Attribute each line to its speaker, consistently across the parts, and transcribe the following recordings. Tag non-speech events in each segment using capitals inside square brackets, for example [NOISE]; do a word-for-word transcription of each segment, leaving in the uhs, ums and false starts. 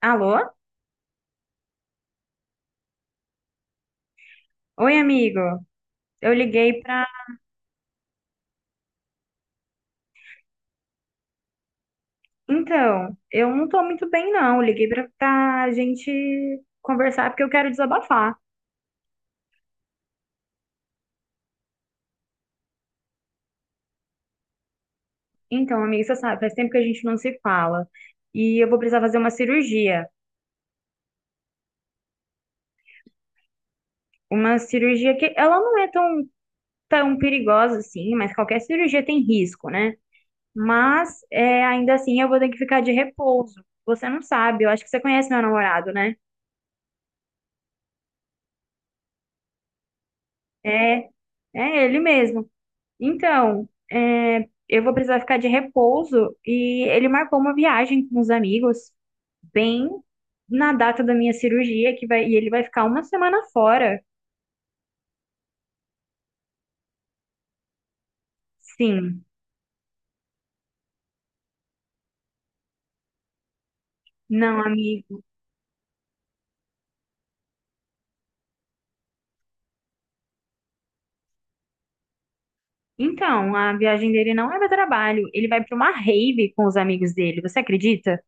Speaker 1: Alô? Oi, amigo. Eu liguei pra. Então, eu não tô muito bem, não. Eu Liguei pra, pra gente conversar porque eu quero desabafar. Então, amigo, você sabe, faz tempo que a gente não se fala. E eu vou precisar fazer uma cirurgia. Uma cirurgia que ela não é tão, tão perigosa assim, mas qualquer cirurgia tem risco, né? Mas é, ainda assim eu vou ter que ficar de repouso. Você não sabe, eu acho que você conhece meu namorado, né? É, é ele mesmo. Então, é, eu vou precisar ficar de repouso e ele marcou uma viagem com os amigos bem na data da minha cirurgia que vai, e ele vai ficar uma semana fora. Sim, não, amigo. Então, a viagem dele não é para trabalho, ele vai para uma rave com os amigos dele. Você acredita?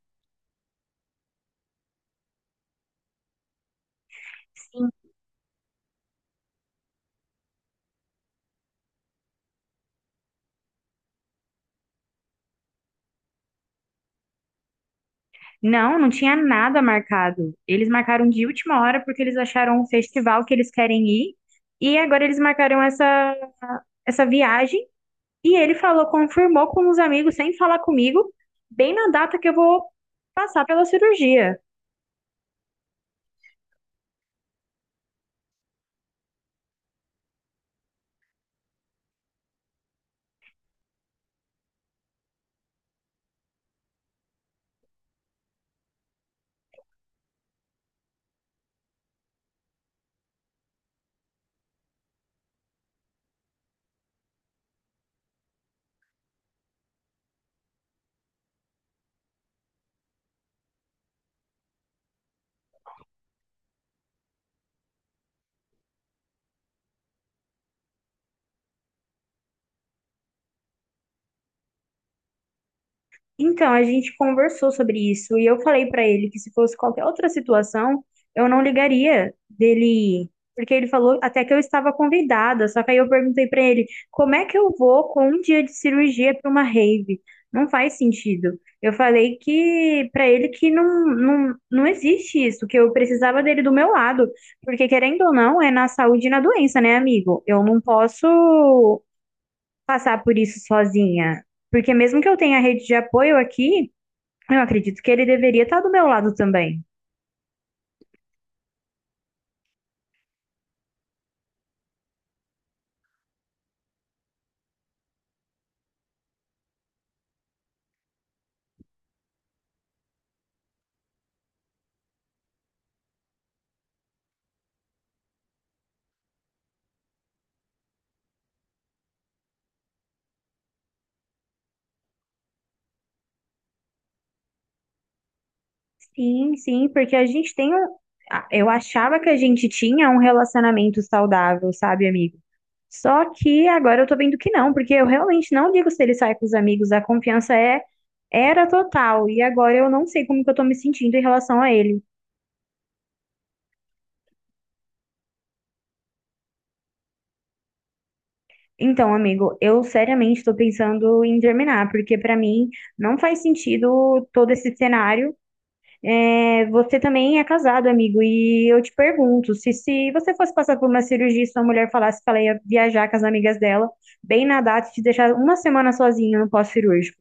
Speaker 1: Sim. Não, não tinha nada marcado. Eles marcaram de última hora porque eles acharam um festival que eles querem ir e agora eles marcaram essa essa viagem. E ele falou, confirmou com os amigos, sem falar comigo, bem na data que eu vou passar pela cirurgia. Então, a gente conversou sobre isso e eu falei pra ele que se fosse qualquer outra situação, eu não ligaria dele, porque ele falou até que eu estava convidada, só que aí eu perguntei pra ele, como é que eu vou com um dia de cirurgia pra uma rave? Não faz sentido. Eu falei que pra ele que não, não, não existe isso, que eu precisava dele do meu lado, porque querendo ou não, é na saúde e na doença, né, amigo? Eu não posso passar por isso sozinha. Porque mesmo que eu tenha rede de apoio aqui, eu acredito que ele deveria estar do meu lado também. Sim, sim, porque a gente tem um. A- Eu achava que a gente tinha um relacionamento saudável, sabe, amigo? Só que agora eu tô vendo que não, porque eu realmente não ligo se ele sai com os amigos, a confiança é era total, e agora eu não sei como que eu tô me sentindo em relação a ele. Então, amigo, eu seriamente tô pensando em terminar, porque pra mim não faz sentido todo esse cenário. É, você também é casado, amigo, e eu te pergunto, se, se você fosse passar por uma cirurgia e sua mulher falasse que ela ia viajar com as amigas dela, bem na data e te deixar uma semana sozinha no pós-cirúrgico.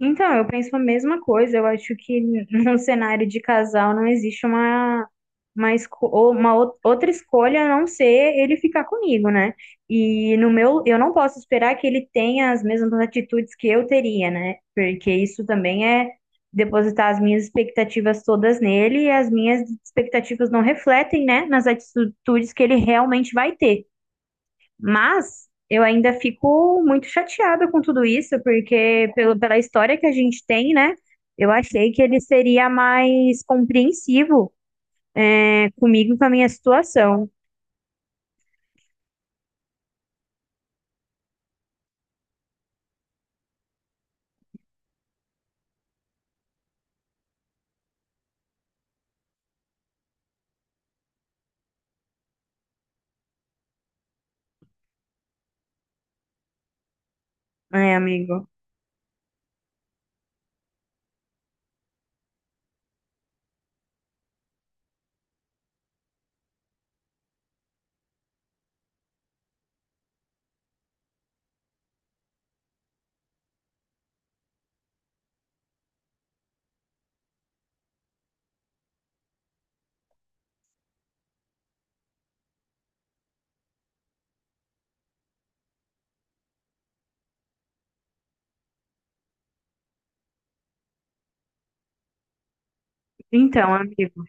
Speaker 1: Então, eu penso a mesma coisa. Eu acho que [LAUGHS] num cenário de casal não existe uma, uma, esco- ou uma ou- outra escolha a não ser ele ficar comigo, né? E no meu, eu não posso esperar que ele tenha as mesmas atitudes que eu teria, né? Porque isso também é depositar as minhas expectativas todas nele e as minhas expectativas não refletem, né, nas atitudes que ele realmente vai ter. Mas eu ainda fico muito chateada com tudo isso, porque pelo, pela história que a gente tem, né? Eu achei que ele seria mais compreensivo, né, comigo e com a minha situação. É, amigo. Então, amigo.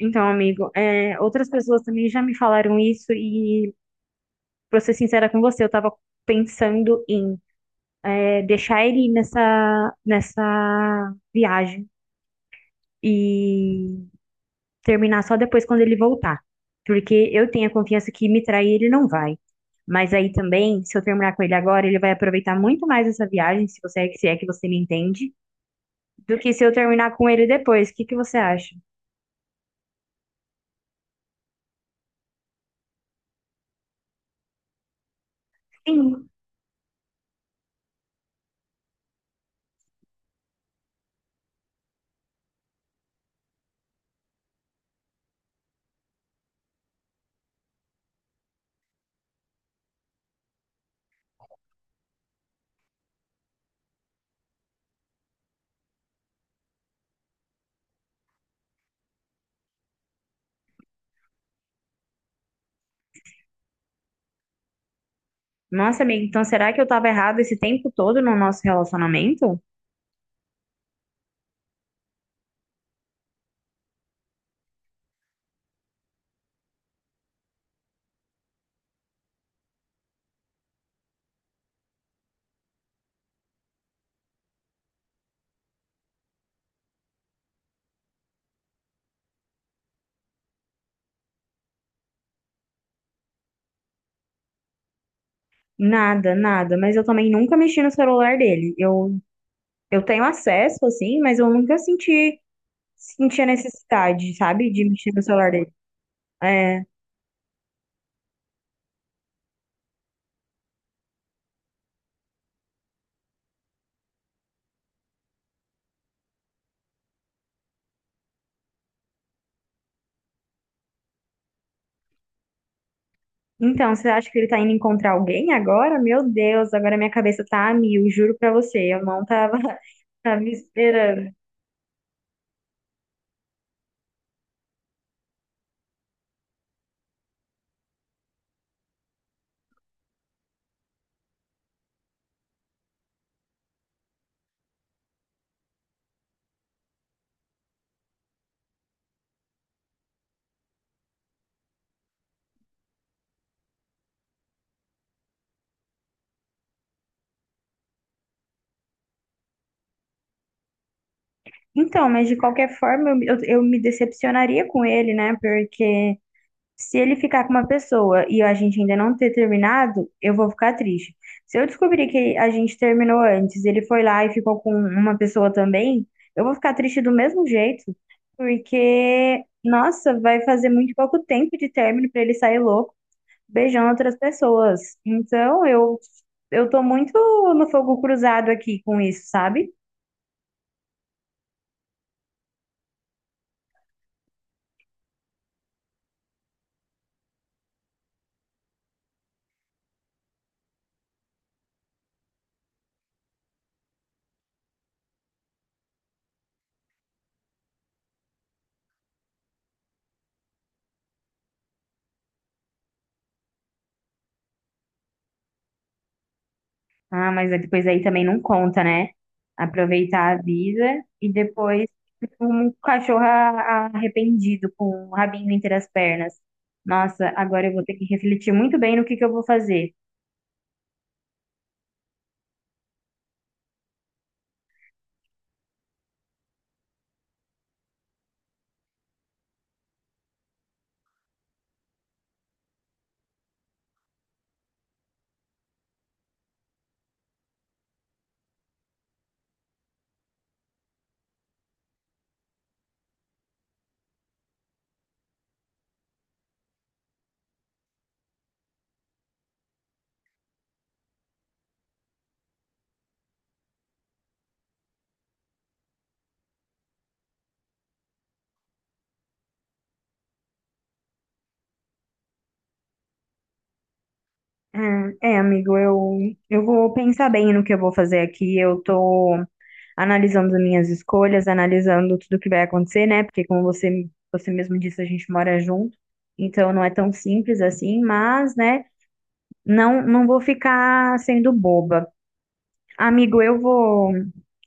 Speaker 1: Então, amigo. É, outras pessoas também já me falaram isso e, pra ser sincera com você, eu tava pensando em é, deixar ele nessa, nessa viagem. E terminar só depois quando ele voltar. Porque eu tenho a confiança que me trair ele não vai. Mas aí também, se eu terminar com ele agora, ele vai aproveitar muito mais essa viagem, se você, se é que você me entende, do que se eu terminar com ele depois. O que que você acha? Sim. Nossa, amiga, então será que eu tava errada esse tempo todo no nosso relacionamento? Nada, nada, mas eu também nunca mexi no celular dele. Eu, eu tenho acesso, assim, mas eu nunca senti, senti a necessidade, sabe, de mexer no celular dele. É. Então, você acha que ele tá indo encontrar alguém agora? Meu Deus, agora minha cabeça tá a mil, juro pra você, eu não tava, [LAUGHS] tava esperando. Então, mas de qualquer forma, eu, eu, eu me decepcionaria com ele, né? Porque se ele ficar com uma pessoa e a gente ainda não ter terminado, eu vou ficar triste. Se eu descobrir que a gente terminou antes, ele foi lá e ficou com uma pessoa também, eu vou ficar triste do mesmo jeito, porque, nossa, vai fazer muito pouco tempo de término pra ele sair louco, beijando outras pessoas. Então, eu eu tô muito no fogo cruzado aqui com isso, sabe? Ah, mas depois aí também não conta, né? Aproveitar a vida e depois tipo, um cachorro a- arrependido com o rabinho entre as pernas. Nossa, agora eu vou ter que refletir muito bem no que que eu vou fazer. Ah, é, amigo, eu, eu vou pensar bem no que eu vou fazer aqui. Eu tô analisando as minhas escolhas, analisando tudo que vai acontecer, né? Porque como você, você mesmo disse, a gente mora junto, então não é tão simples assim, mas, né, não, não vou ficar sendo boba. Amigo, eu vou,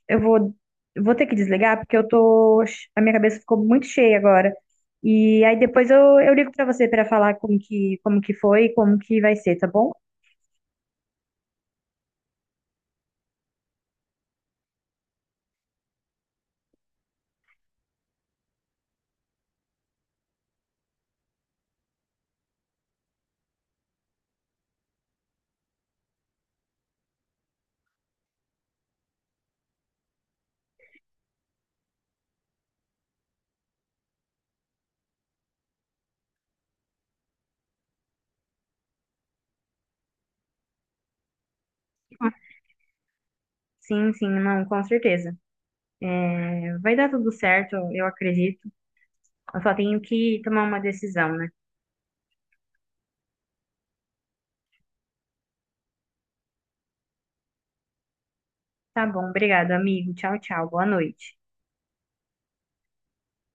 Speaker 1: eu vou, vou ter que desligar porque eu tô, a minha cabeça ficou muito cheia agora. E aí depois eu, eu ligo pra você pra falar como que, como que foi, e como que vai ser, tá bom? Sim, sim, não, com certeza. É, vai dar tudo certo, eu acredito. Eu só tenho que tomar uma decisão, né? Tá bom, obrigado, amigo. Tchau, tchau. Boa noite.